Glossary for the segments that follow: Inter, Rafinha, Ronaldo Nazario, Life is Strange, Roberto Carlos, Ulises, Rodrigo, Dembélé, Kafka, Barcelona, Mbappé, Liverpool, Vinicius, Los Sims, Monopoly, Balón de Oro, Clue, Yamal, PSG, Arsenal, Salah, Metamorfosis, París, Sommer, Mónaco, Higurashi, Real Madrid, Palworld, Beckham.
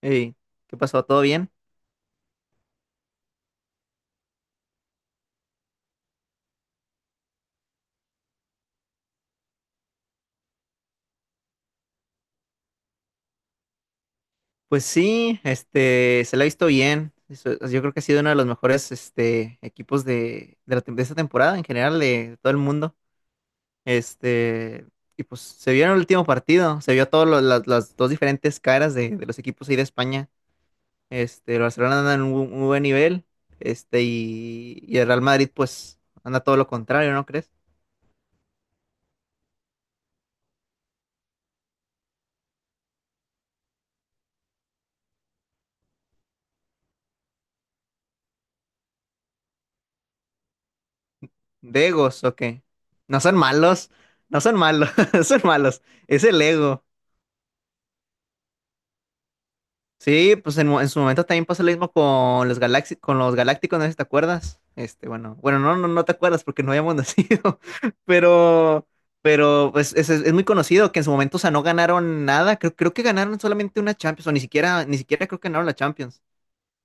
Ey, ¿qué pasó? ¿Todo bien? Pues sí, se la ha visto bien. Yo creo que ha sido uno de los mejores, equipos de de esta temporada en general, de todo el mundo. Este, y pues se vio en el último partido, se vio todas las dos diferentes caras de los equipos ahí de España. El Barcelona anda en un, un buen nivel, y el Real Madrid, pues, anda todo lo contrario, ¿no crees? Degos, o qué? No son malos, no son malos, son malos, es el ego. Sí, pues en su momento también pasó lo mismo con los con los galácticos, no sé si te acuerdas. Bueno, bueno, no, no, no te acuerdas porque no habíamos nacido, pero, pero pues es, es muy conocido que en su momento, o sea, no ganaron nada. Creo, creo que ganaron solamente una Champions, o ni siquiera, ni siquiera creo que ganaron la Champions.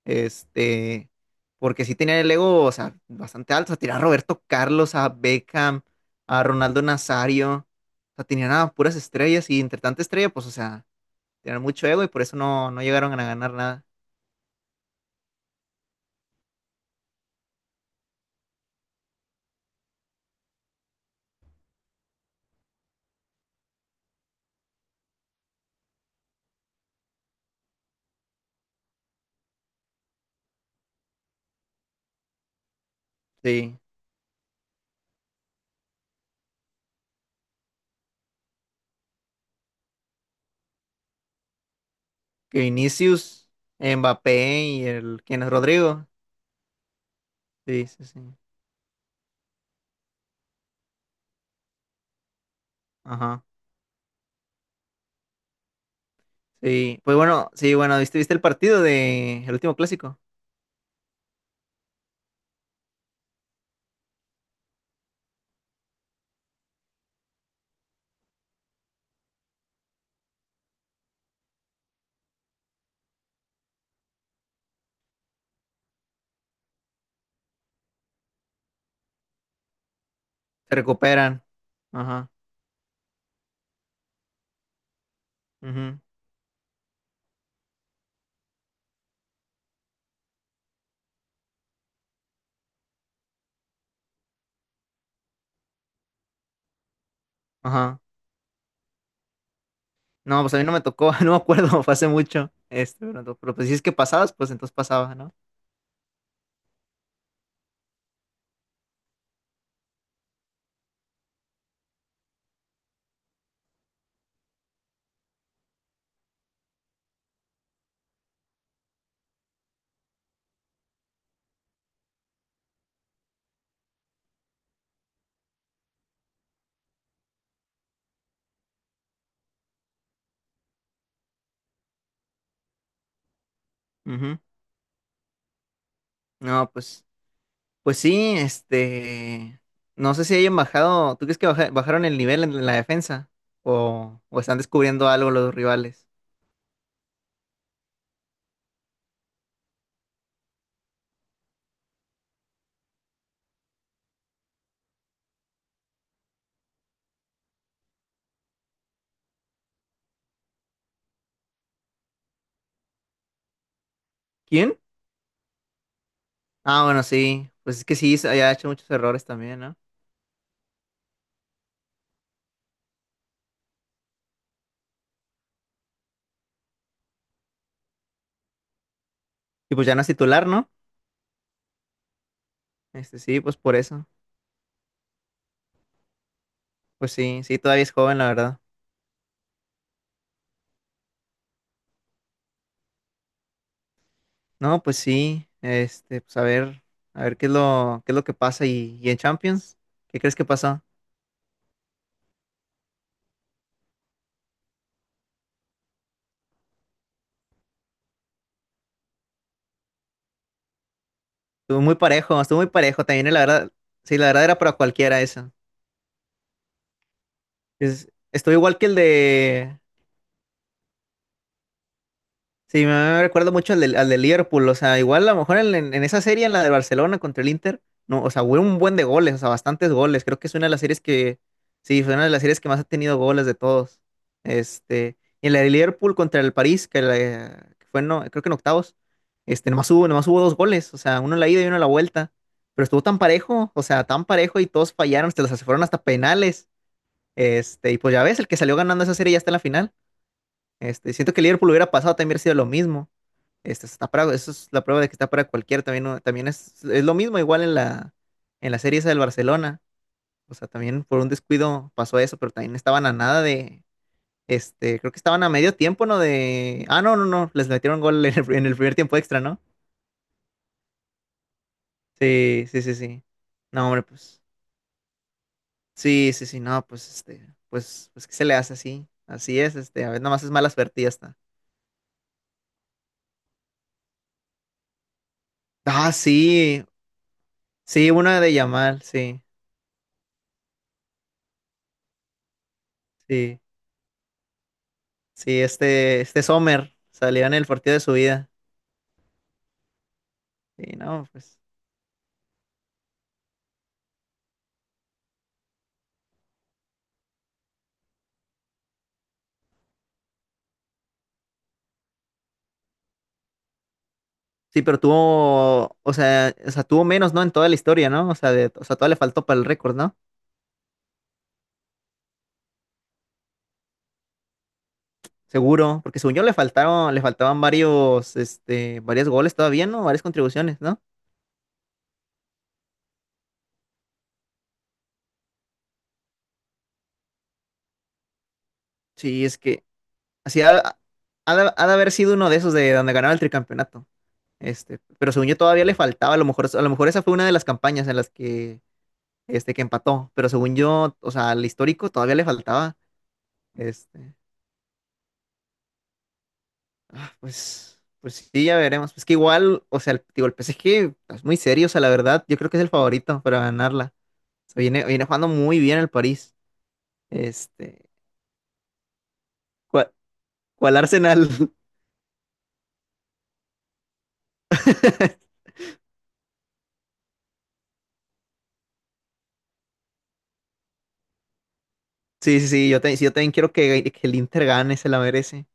Este, Porque sí tenían el ego, o sea, bastante alto. O sea, tenían a Roberto Carlos, a Beckham, a Ronaldo Nazario. O sea, tenían a puras estrellas y entre tanta estrella, pues, o sea tener mucho ego y por eso no, no llegaron a ganar nada. Sí, que Vinicius, Mbappé y el, ¿quién es Rodrigo? Sí, sí, sí. Ajá. Sí, pues bueno, sí, bueno, ¿viste, viste el partido de el último clásico? Se recuperan. Ajá. Ujú. Ajá. No, pues a mí no me tocó, no me acuerdo, fue hace mucho. Pero pues si es que pasabas, pues entonces pasaba, ¿no? Ujú. No, pues. Pues sí, no sé si hayan bajado, ¿tú crees que bajaron el nivel en la defensa? O están descubriendo algo los rivales? ¿Quién? Ah, bueno, sí, pues es que sí, había hecho muchos errores también, ¿no? Y pues ya no es titular, ¿no? Sí, pues por eso. Pues sí, sí, todavía es joven, la verdad. No, pues sí, pues a ver qué es lo que pasa y en Champions, ¿qué crees que pasó? Estuvo muy parejo también, la verdad, sí, la verdad era para cualquiera eso. Es, estuvo igual que el de… Sí, me recuerdo mucho al de Liverpool, o sea, igual a lo mejor en, en esa serie, en la de Barcelona contra el Inter, no, o sea, hubo un buen de goles, o sea, bastantes goles, creo que es una de las series que, sí, fue una de las series que más ha tenido goles de todos, este, y en la de Liverpool contra el París, que, que fue, no, creo que en octavos, nomás hubo dos goles, o sea, uno en la ida y uno en la vuelta, pero estuvo tan parejo, o sea, tan parejo y todos fallaron, se las fueron hasta penales, y pues ya ves, el que salió ganando esa serie ya está en la final, siento que el Liverpool hubiera pasado, también hubiera sido lo mismo. Esta está para, eso es la prueba de que está para cualquiera. También, también es lo mismo, igual en la serie esa del Barcelona. O sea, también por un descuido pasó eso, pero también estaban a nada de, creo que estaban a medio tiempo, ¿no? De, ah, no, no, no, les metieron gol en el primer tiempo extra, ¿no? Sí, sí, sí, sí. No, hombre, pues, sí, sí, sí, no, pues, pues, pues, ¿qué se le hace así? Así es, a ver, más es mala suerte y ya está. Ah, sí, sí, una de Yamal, sí, sí. Sí, este Sommer salió en el partido de su vida. Sí, no, pues. Sí, pero tuvo, o sea, tuvo menos, ¿no? En toda la historia, ¿no? O sea, de, o sea, todavía le faltó para el récord, ¿no? Seguro, porque según yo le faltaron, le faltaban varios, varios goles todavía, ¿no? Varias contribuciones, ¿no? Sí, es que así ha de haber sido uno de esos de donde ganaba el tricampeonato. Pero según yo todavía le faltaba, a lo mejor esa fue una de las campañas en las que, que empató, pero según yo, o sea, al histórico todavía le faltaba. Este, Ah, pues, pues sí, ya veremos. Es que igual, o sea, el, digo, el PSG es muy serio, o sea, la verdad, yo creo que es el favorito para ganarla. O sea, viene, viene jugando muy bien el París. Este, ¿Cuál, cuál Arsenal? Sí, sí, sí, yo también quiero que el Inter gane, se la merece.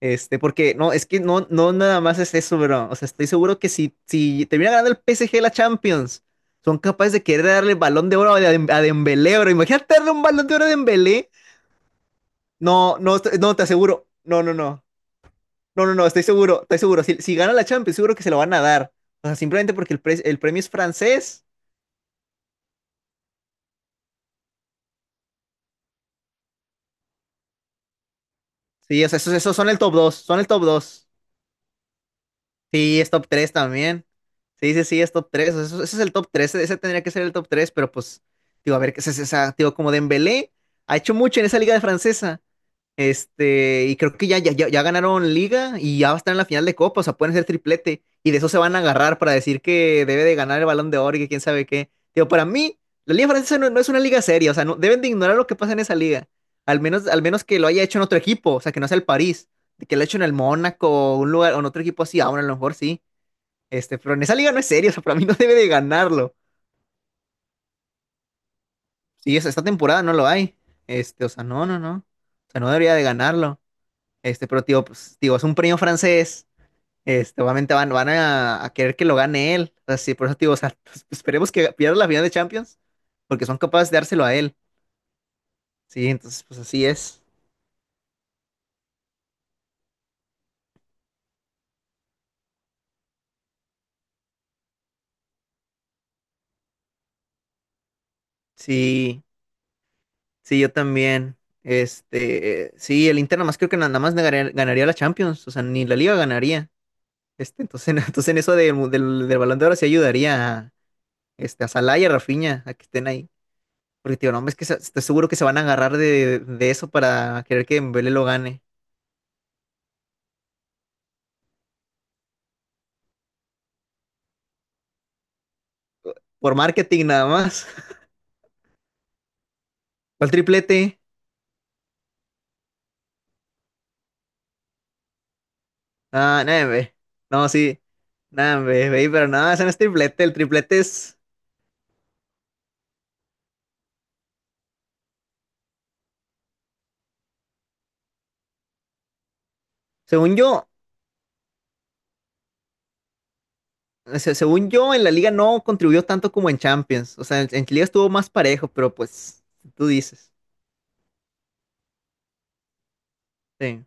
Porque no, es que no, no nada más es eso, bro. O sea, estoy seguro que si, si termina ganando el PSG la Champions, son capaces de querer darle el balón de oro a, a Dembélé, bro. Imagínate darle un balón de oro a Dembélé. No, no, no, te aseguro. No, no, no. No, no, no, estoy seguro, estoy seguro. Si, si gana la Champions, seguro que se lo van a dar. O sea, simplemente porque el, el premio es francés. Sí, o sea, esos, esos son el top 2, son el top 2. Sí, es top 3 también. Sí, sí, sí, es top 3. Eso es el top 3. Ese tendría que ser el top 3. Pero pues, digo, a ver, qué es esa, digo, como Dembélé ha hecho mucho en esa liga de francesa. Y creo que ya, ya, ya, ya ganaron liga y ya va a estar en la final de Copa, o sea, pueden ser triplete y de eso se van a agarrar para decir que debe de ganar el Balón de Oro y que quién sabe qué. Digo, para mí, la Liga Francesa no, no es una liga seria, o sea, no, deben de ignorar lo que pasa en esa liga, al menos que lo haya hecho en otro equipo, o sea, que no sea el París, que lo haya hecho en el Mónaco o un lugar, o en otro equipo así, aún a lo mejor sí, pero en esa liga no es serio, o sea, para mí no debe de ganarlo. Sí, esta temporada no lo hay, o sea, no, no, no, o sea, no debería de ganarlo. Pero tío, pues, tío, es un premio francés. Obviamente van, van a querer que lo gane él. O sea, sí, por eso, tío, o sea, pues, esperemos que pierda la final de Champions, porque son capaces de dárselo a él. Sí, entonces, pues así es. Sí, sí, yo también. Sí, el Inter nada más creo que nada más ganaría, ganaría la Champions, o sea, ni la Liga ganaría. Entonces, entonces en eso del del Balón de Oro sí ayudaría a, a Salah y a Rafinha a que estén ahí. Porque, tío, no, hombre es que estoy seguro que se van a agarrar de eso para querer que Mbele lo gane. Por marketing nada más. ¿Cuál triplete? Ah, nada, ve. No, sí. Nada, ve, ve, pero nada, ese no es triplete. El triplete es, según yo, según yo, en la liga no contribuyó tanto como en Champions. O sea, en liga estuvo más parejo, pero pues, tú dices. Sí.